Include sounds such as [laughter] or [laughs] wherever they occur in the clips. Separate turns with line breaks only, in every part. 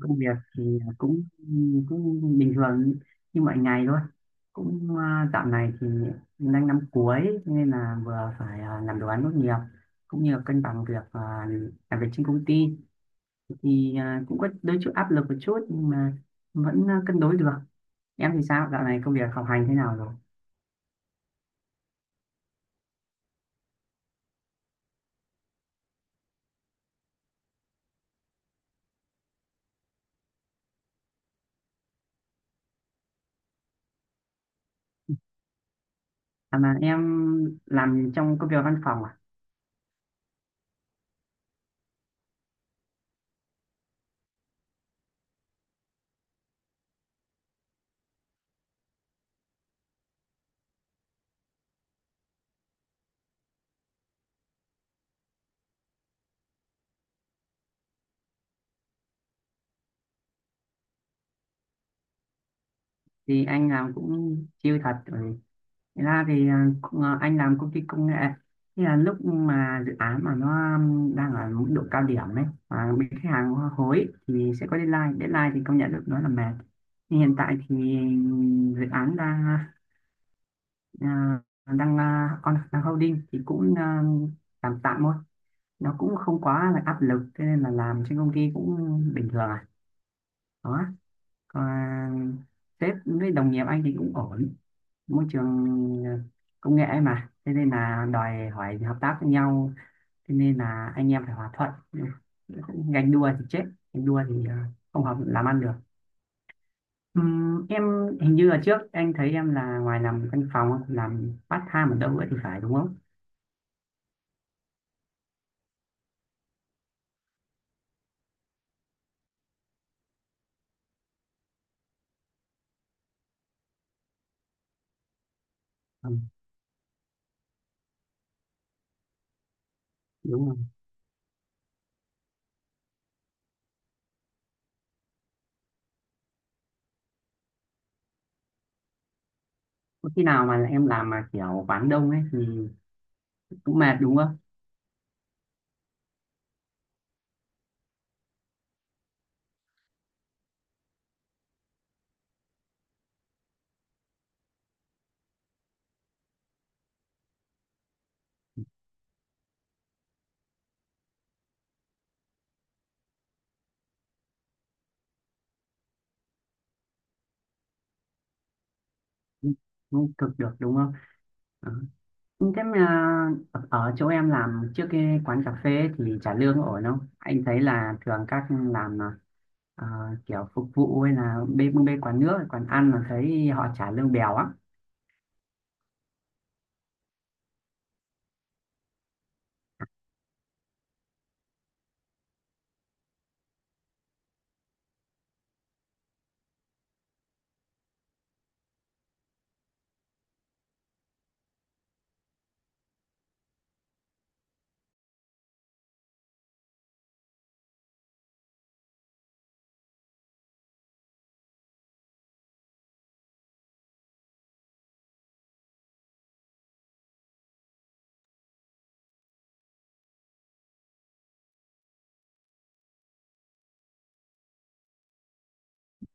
Công việc thì cũng cũng bình thường như mọi ngày thôi. Cũng dạo này thì mình đang năm cuối, cho nên là vừa phải làm đồ án tốt nghiệp, cũng như là cân bằng việc làm việc trên công ty, thì cũng có đôi chút áp lực một chút nhưng mà vẫn cân đối được. Em thì sao, dạo này công việc học hành thế nào rồi? À mà em làm trong công việc văn phòng à? Thì anh làm cũng chill thật, ừ. Thế ra thì anh làm công ty công nghệ, thì là lúc mà dự án mà nó đang ở mức độ cao điểm ấy và bị khách hàng hối thì sẽ có deadline, thì công nhận được nó là mệt. Nhưng hiện tại thì dự án on đang holding thì cũng tạm tạm thôi, nó cũng không quá là áp lực, thế nên là làm trên công ty cũng bình thường à, đó. Còn sếp với đồng nghiệp anh thì cũng ổn, môi trường ờ, công nghệ ấy mà, thế nên là đòi hỏi hợp tác với nhau, thế nên là anh em phải hòa thuận, ganh đua thì chết. Ganh đua thì ờ, Không hợp làm ăn được. Em hình như là trước anh thấy em là ngoài làm văn phòng làm part time ở đâu ấy thì phải, đúng không? Ừ, đúng rồi. Có khi nào mà em làm mà kiểu quán đông ấy thì cũng mệt đúng không? Cũng không cực được đúng không? Ờ. Thế mà ở chỗ em làm trước cái quán cà phê thì trả lương ổn không? Anh thấy là thường các làm ờ, ờ, kiểu phục vụ hay là bê bê quán nước, quán ăn là thấy họ trả lương bèo á.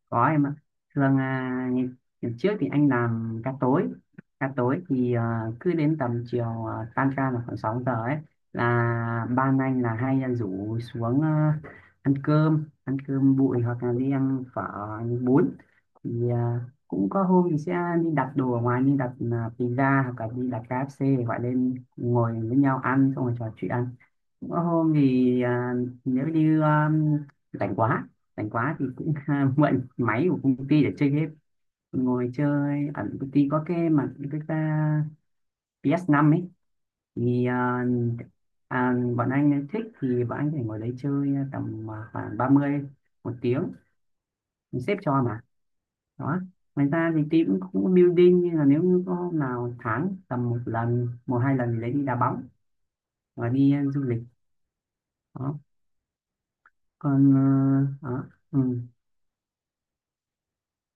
Có em ạ. Thường ngày trước thì anh làm ca tối. Ca tối thì cứ đến tầm chiều, tan ca là khoảng 6 giờ ấy, là ban anh là hay là rủ xuống ăn cơm, bụi hoặc là đi ăn phở, ăn bún. Thì cũng có hôm thì sẽ đi đặt đồ ở ngoài, như đặt pizza hoặc là đi đặt KFC, gọi lên ngồi với nhau ăn xong rồi trò chuyện. Có hôm thì nếu như à, rảnh quá, rảnh quá thì cũng [laughs] mượn máy của công ty để chơi game, ngồi chơi ở công ty. Có cái mà cái ta PS5 ấy, thì bọn anh thích thì bọn anh có thể ngồi đấy chơi tầm khoảng 30, 1 tiếng, xếp cho mà đó. Ngoài ra thì team cũng cũng có building, nhưng là nếu như có hôm nào tháng tầm 1 lần, 1 2 lần thì lấy đi đá bóng và đi du lịch, đó. Còn đó. Ừ.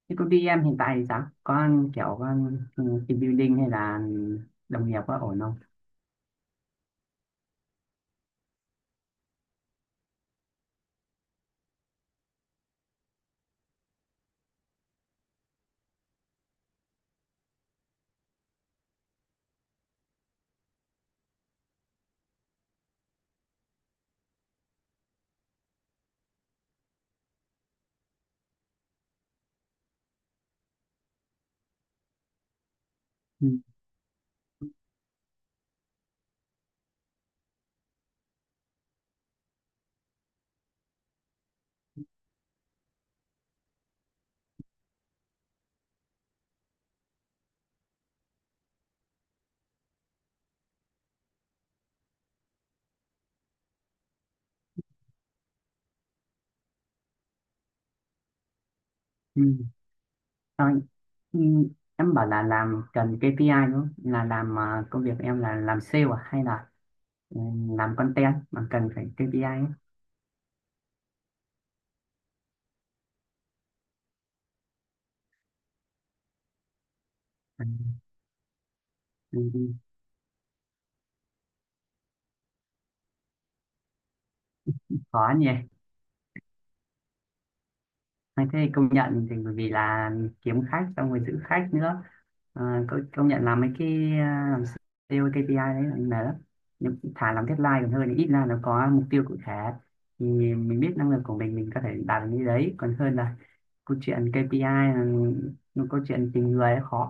Thế công ty em hiện tại thì sao? Có kiểu con team building hay là đồng nghiệp có ổn không? Ừ. Ừ. Thôi, ừ. Em bảo là làm cần KPI đúng không? Là làm công việc em là làm sale à? Hay là ừ, làm content mà cần phải KPI ấy? Ừ. Ừ. Ừ. Khó nhỉ? Anh thấy công nhận thì bởi vì là kiếm khách xong rồi giữ khách nữa. Công nhận làm mấy cái làm sale KPI đấy là mệt lắm, nhưng thà làm deadline còn hơn, ít ra nó có mục tiêu cụ thể, thì mình biết năng lực của mình có thể đạt được như đấy, còn hơn là câu chuyện KPI là một câu chuyện tình người khó.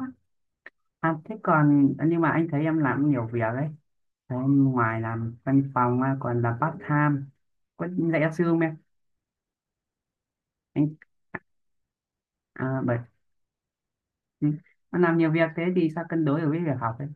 Thế còn, nhưng mà anh thấy em làm nhiều việc đấy. Thế em ngoài làm văn phòng ra còn làm part time có dạy giáo sư không em? Anh à, bởi Ừ. Nó làm nhiều việc thế thì sao cân đối được với việc học ấy?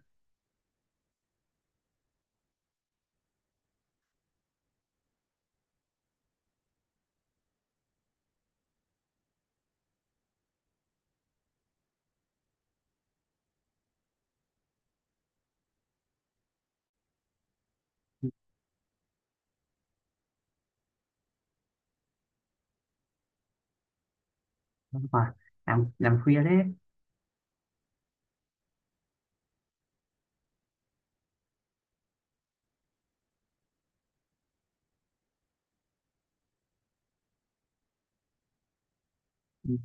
Ừ. Đúng rồi. Làm khuya thế. Ừ.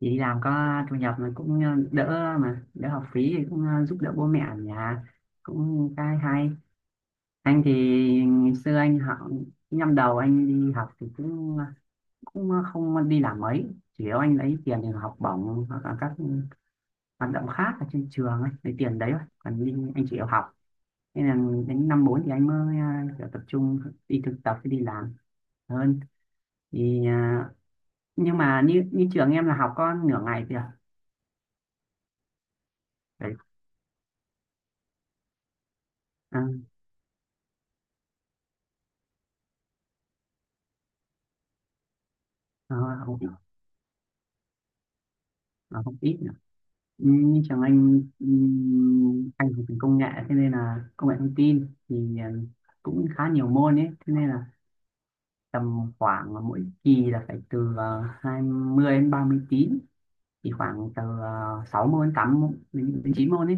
Thì đi làm có thu nhập, mà cũng đỡ học phí thì cũng giúp đỡ bố mẹ ở nhà, cũng cái hay. Anh thì ngày xưa anh học năm 1 anh đi học thì không đi làm mấy, chủ yếu anh lấy tiền để học bổng hoặc là các hoạt động khác ở trên trường ấy, lấy tiền đấy thôi, còn đi anh chỉ yêu học. Nên là đến năm 4 thì anh mới kiểu tập trung đi thực tập đi làm hơn. Thì nhưng mà như như trường em là học có nửa ngày thì à. Đấy. À, nó không ít nữa. Ừ, như trường anh học ngành công nghệ, thế nên là công nghệ thông tin thì cũng khá nhiều môn ấy, thế nên là tầm khoảng là mỗi kỳ là phải từ 20 đến 30 tín, thì khoảng từ 6 môn, 8 môn đến 9 môn ấy,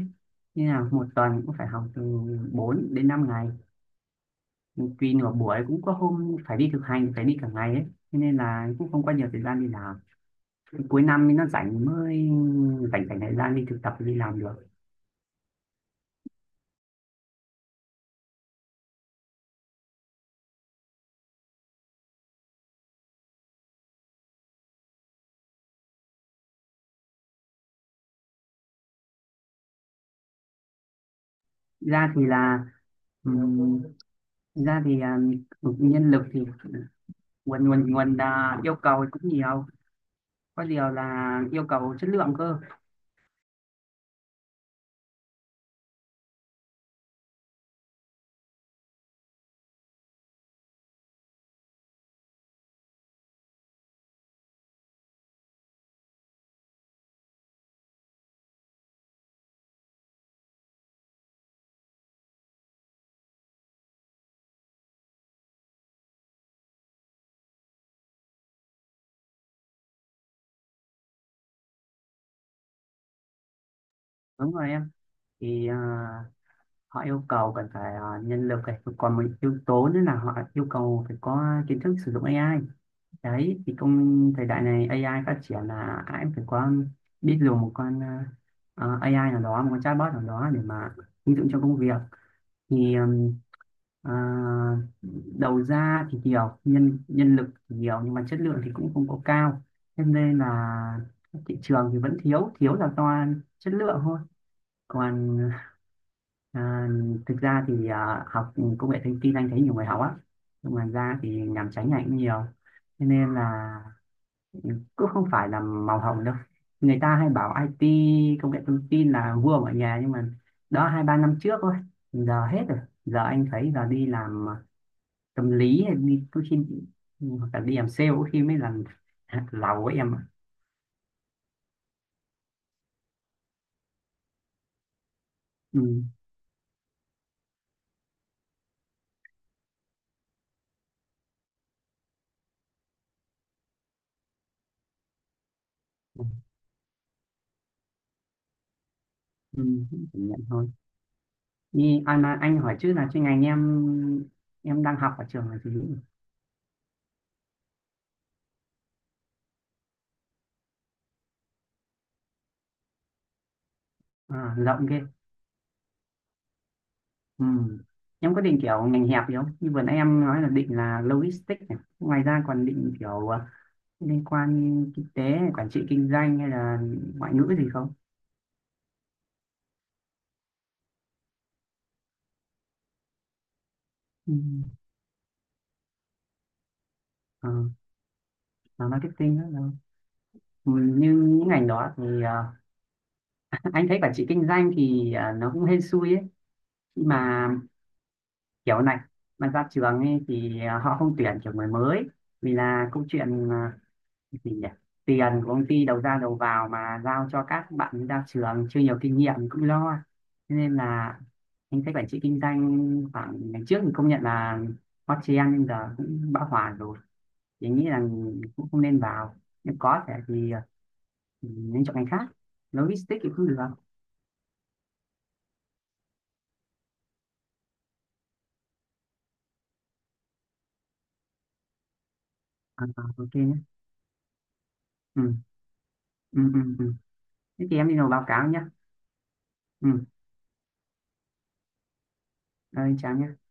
nên là một tuần cũng phải học từ 4 đến 5 ngày, vì nửa buổi cũng có hôm phải đi thực hành phải đi cả ngày ấy. Thế nên là cũng không có nhiều thời gian đi làm. Cuối năm thì nó rảnh mới rảnh rảnh thời gian đi thực tập đi làm được. Ra thì là ừm, ra thì nhân lực thì nguồn nguồn nguồn à, yêu cầu thì cũng nhiều, có điều là yêu cầu chất lượng cơ. Đúng rồi em, thì họ yêu cầu cần phải nhân lực, này còn một yếu tố nữa là họ yêu cầu phải có kiến thức sử dụng AI. Đấy thì công, thời đại này AI phát triển là ai cũng phải có biết dùng một con AI nào đó, một con chatbot nào đó để mà ứng dụng cho công việc. Thì ờ, đầu ra thì nhiều, nhân nhân lực thì nhiều nhưng mà chất lượng thì cũng không có cao, thế nên là thị trường thì vẫn thiếu, thiếu là do chất lượng thôi. Còn à, thực ra thì học công nghệ thông tin anh thấy nhiều người học á, nhưng mà ra thì nhàm chán nhạy cũng nhiều. Thế nên là cũng không phải là màu hồng đâu. Người ta hay bảo IT, công nghệ thông tin là vua mọi nghề, nhưng mà đó 2 3 năm trước thôi, giờ hết rồi. Giờ anh thấy giờ đi làm tâm lý hay đi có khi, hoặc là đi làm sale có khi mới làm [laughs] lầu ấy em ạ. Ừ. Ừ. Ừ. Chỉ nhận thôi. Như Anh hỏi trước là chuyên ngành em đang học ở trường là gì nhỉ? À, rộng ghê. Ừ. Em có định kiểu ngành hẹp gì không, như vừa nãy em nói là định là logistics này. Ngoài ra còn định kiểu liên quan kinh tế này, quản trị kinh doanh hay là ngoại ngữ gì không? Ừ. Ờ, là marketing đó đâu. Ừ, như những ngành đó thì ờ, anh thấy quản trị kinh doanh thì nó cũng hên xui ấy. Khi mà kiểu này mà ra trường ấy thì họ không tuyển kiểu người mới, vì là câu chuyện à, gì nhỉ tiền của công ty đầu ra đầu vào mà giao cho các bạn ra trường chưa nhiều kinh nghiệm cũng lo. Thế nên là anh thấy quản trị kinh doanh khoảng ngày trước thì công nhận là hot trend nhưng giờ cũng bão hòa rồi, thì anh nghĩ là cũng không nên vào. Nếu có thể thì ừ, nên chọn ngành khác. Logistics thì cũng được à, ok nhé. ừ, ừ. Thế thì em đi nộp báo cáo nhé. Ừ, rồi chào nhé.